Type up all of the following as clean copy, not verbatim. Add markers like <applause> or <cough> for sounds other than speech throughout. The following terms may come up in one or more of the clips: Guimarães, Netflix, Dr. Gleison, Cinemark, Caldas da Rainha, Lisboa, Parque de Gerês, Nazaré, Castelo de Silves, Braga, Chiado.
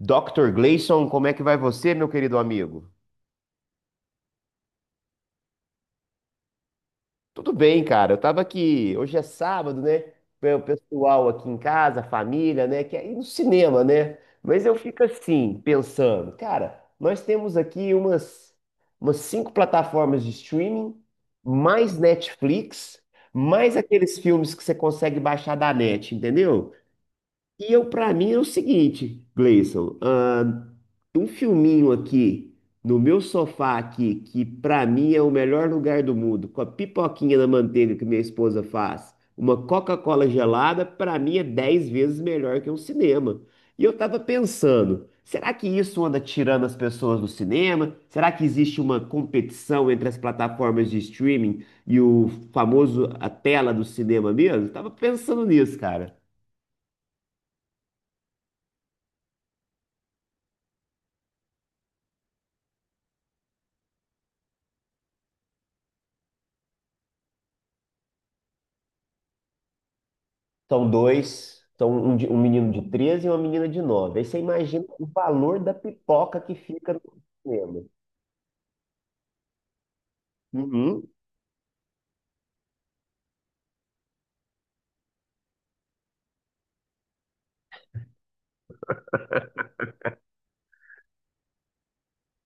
Dr. Gleison, como é que vai você, meu querido amigo? Tudo bem, cara. Eu tava aqui, hoje é sábado, né? O pessoal aqui em casa, a família, né? Quer ir no cinema, né? Mas eu fico assim, pensando, cara, nós temos aqui umas cinco plataformas de streaming, mais Netflix, mais aqueles filmes que você consegue baixar da net, entendeu? E eu, pra mim, é o seguinte, Gleison, um filminho aqui no meu sofá aqui, que pra mim é o melhor lugar do mundo, com a pipoquinha na manteiga que minha esposa faz, uma Coca-Cola gelada, pra mim é 10 vezes melhor que um cinema. E eu tava pensando, será que isso anda tirando as pessoas do cinema? Será que existe uma competição entre as plataformas de streaming e o famoso a tela do cinema mesmo? Tava pensando nisso, cara. São dois, um menino de 13 e uma menina de nove. Aí você imagina o valor da pipoca que fica no cinema. Uhum.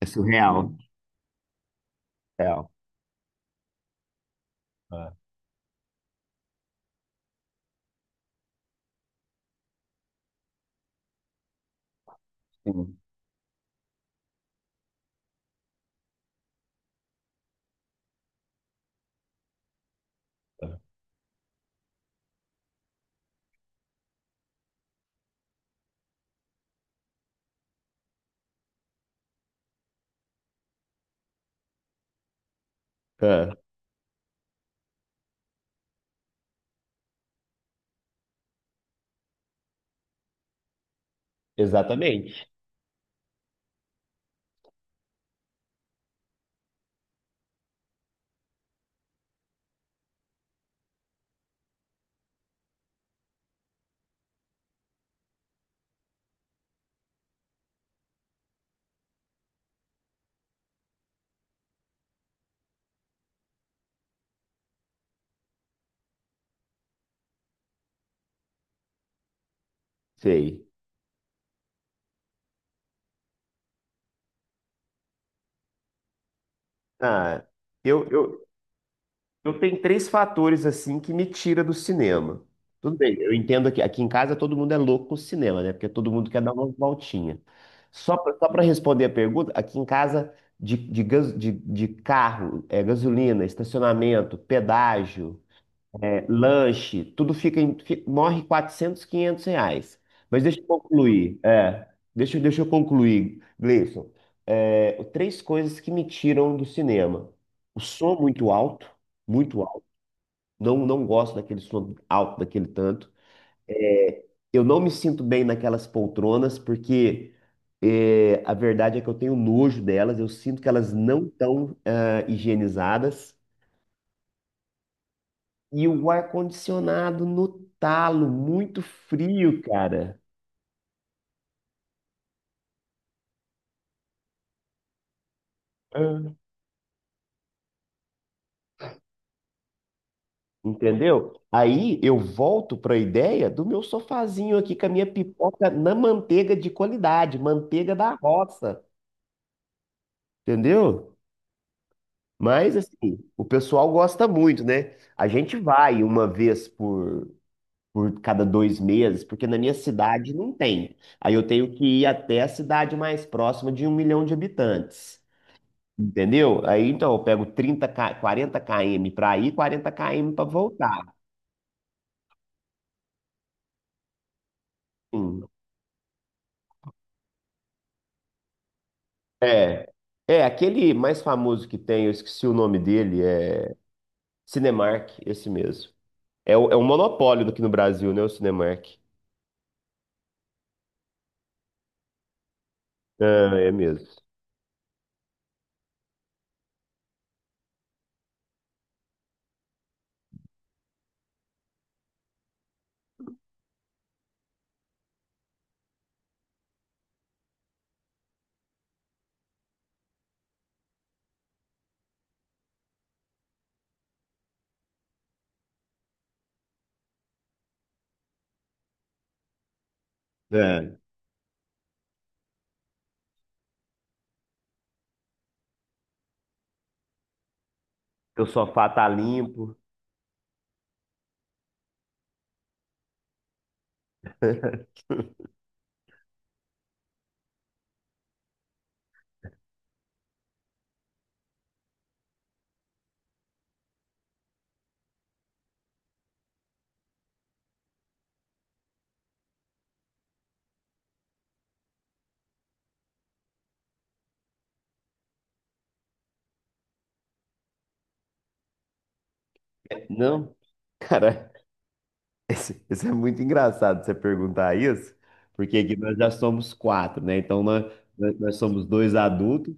É surreal. Real. Ah, sim. Ah, exatamente. Sei. Ah, eu, eu, eu tenho três fatores assim que me tira do cinema. Tudo bem, eu entendo que aqui em casa todo mundo é louco com o cinema, né? Porque todo mundo quer dar uma voltinha. Só para responder a pergunta, aqui em casa de carro, é, gasolina, estacionamento, pedágio, é, lanche, tudo fica morre R$ 400, R$ 500. Mas deixa eu concluir. É, deixa eu concluir, Gleison. É, três coisas que me tiram do cinema. O som muito alto, muito não gosto daquele som alto, daquele tanto. É, eu não me sinto bem naquelas poltronas, porque é, a verdade é que eu tenho nojo delas, eu sinto que elas não estão higienizadas. E o ar-condicionado no talo, muito frio, cara. Ah. Entendeu? Aí eu volto para a ideia do meu sofazinho aqui com a minha pipoca na manteiga de qualidade, manteiga da roça. Entendeu? Mas, assim, o pessoal gosta muito, né? A gente vai uma vez por cada dois meses, porque na minha cidade não tem. Aí eu tenho que ir até a cidade mais próxima de um milhão de habitantes. Entendeu? Aí então eu pego 30 K 40 km para ir, 40 km para voltar. Hum. É. É, aquele mais famoso que tem, eu esqueci o nome dele, é Cinemark, esse mesmo. É, o- é um monopólio aqui no Brasil, né? O Cinemark. Ah, é mesmo. É. Que o sofá tá limpo. <laughs> Não, cara, isso é muito engraçado você perguntar isso, porque aqui nós já somos quatro, né? Então nós, nós somos dois adultos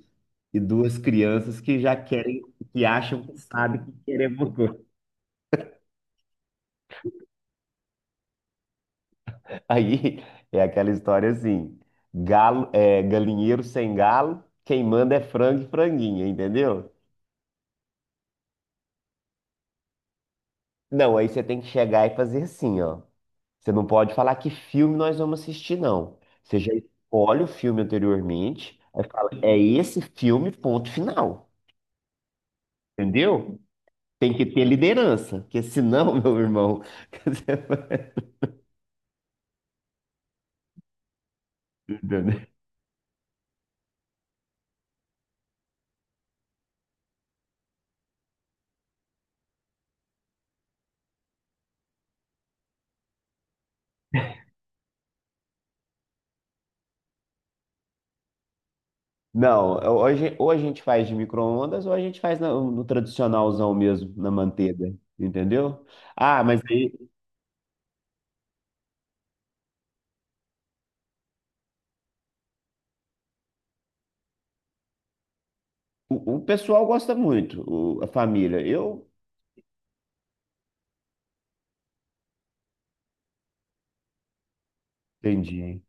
e duas crianças que já querem, que acham que sabem que queremos. Coisa. <laughs> Aí é aquela história assim: galo, é, galinheiro sem galo, quem manda é frango e franguinha, entendeu? Não, aí você tem que chegar e fazer assim, ó. Você não pode falar que filme nós vamos assistir, não. Você já escolhe o filme anteriormente, aí fala, é esse filme, ponto final. Entendeu? Tem que ter liderança, porque senão, <laughs> meu irmão. <laughs> você vai- Não, hoje ou a gente faz de micro-ondas ou a gente faz no tradicionalzão mesmo, na manteiga. Entendeu? Ah, mas aí o pessoal gosta muito, a família. Eu entendi.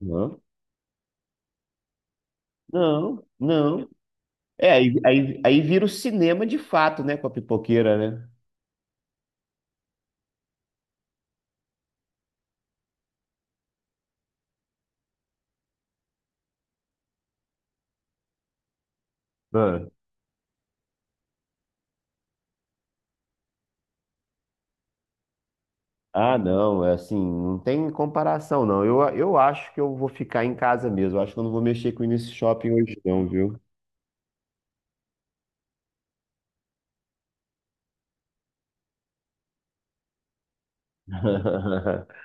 Não, não, não. É, aí vira o cinema de fato, né, com a pipoqueira, né? Ah, ah, não, é assim, não tem comparação, não. Eu acho que eu vou ficar em casa mesmo. Eu acho que eu não vou mexer com esse shopping hoje, não, viu? <laughs>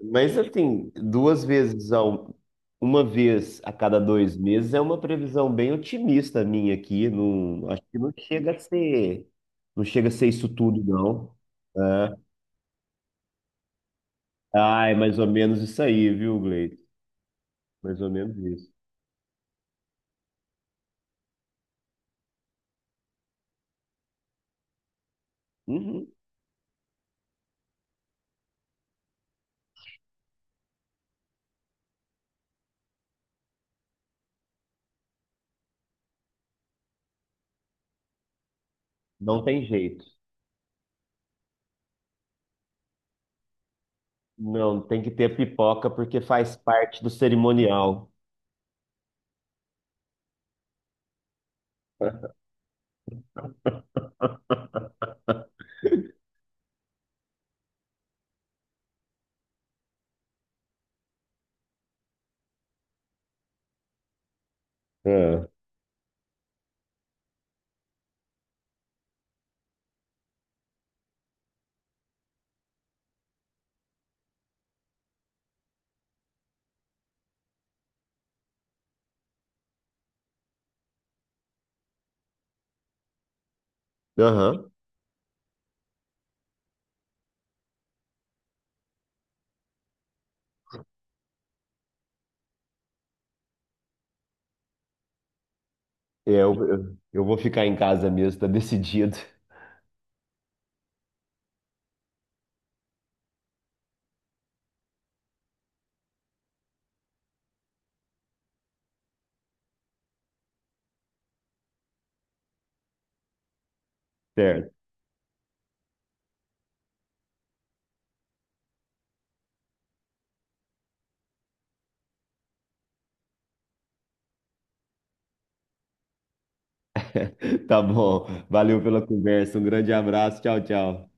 Mas, assim, uma vez a cada dois meses é uma previsão bem otimista minha aqui. Não, acho que não chega a ser isso tudo, não. É. Ah, é mais ou menos isso aí, viu, Gleito? Mais ou menos isso. Uhum. Não tem jeito. Não, tem que ter pipoca porque faz parte do cerimonial. <laughs> É. Aham. Eu vou ficar em casa mesmo, tá decidido. Certo. <laughs> Tá bom. Valeu pela conversa. Um grande abraço. Tchau, tchau.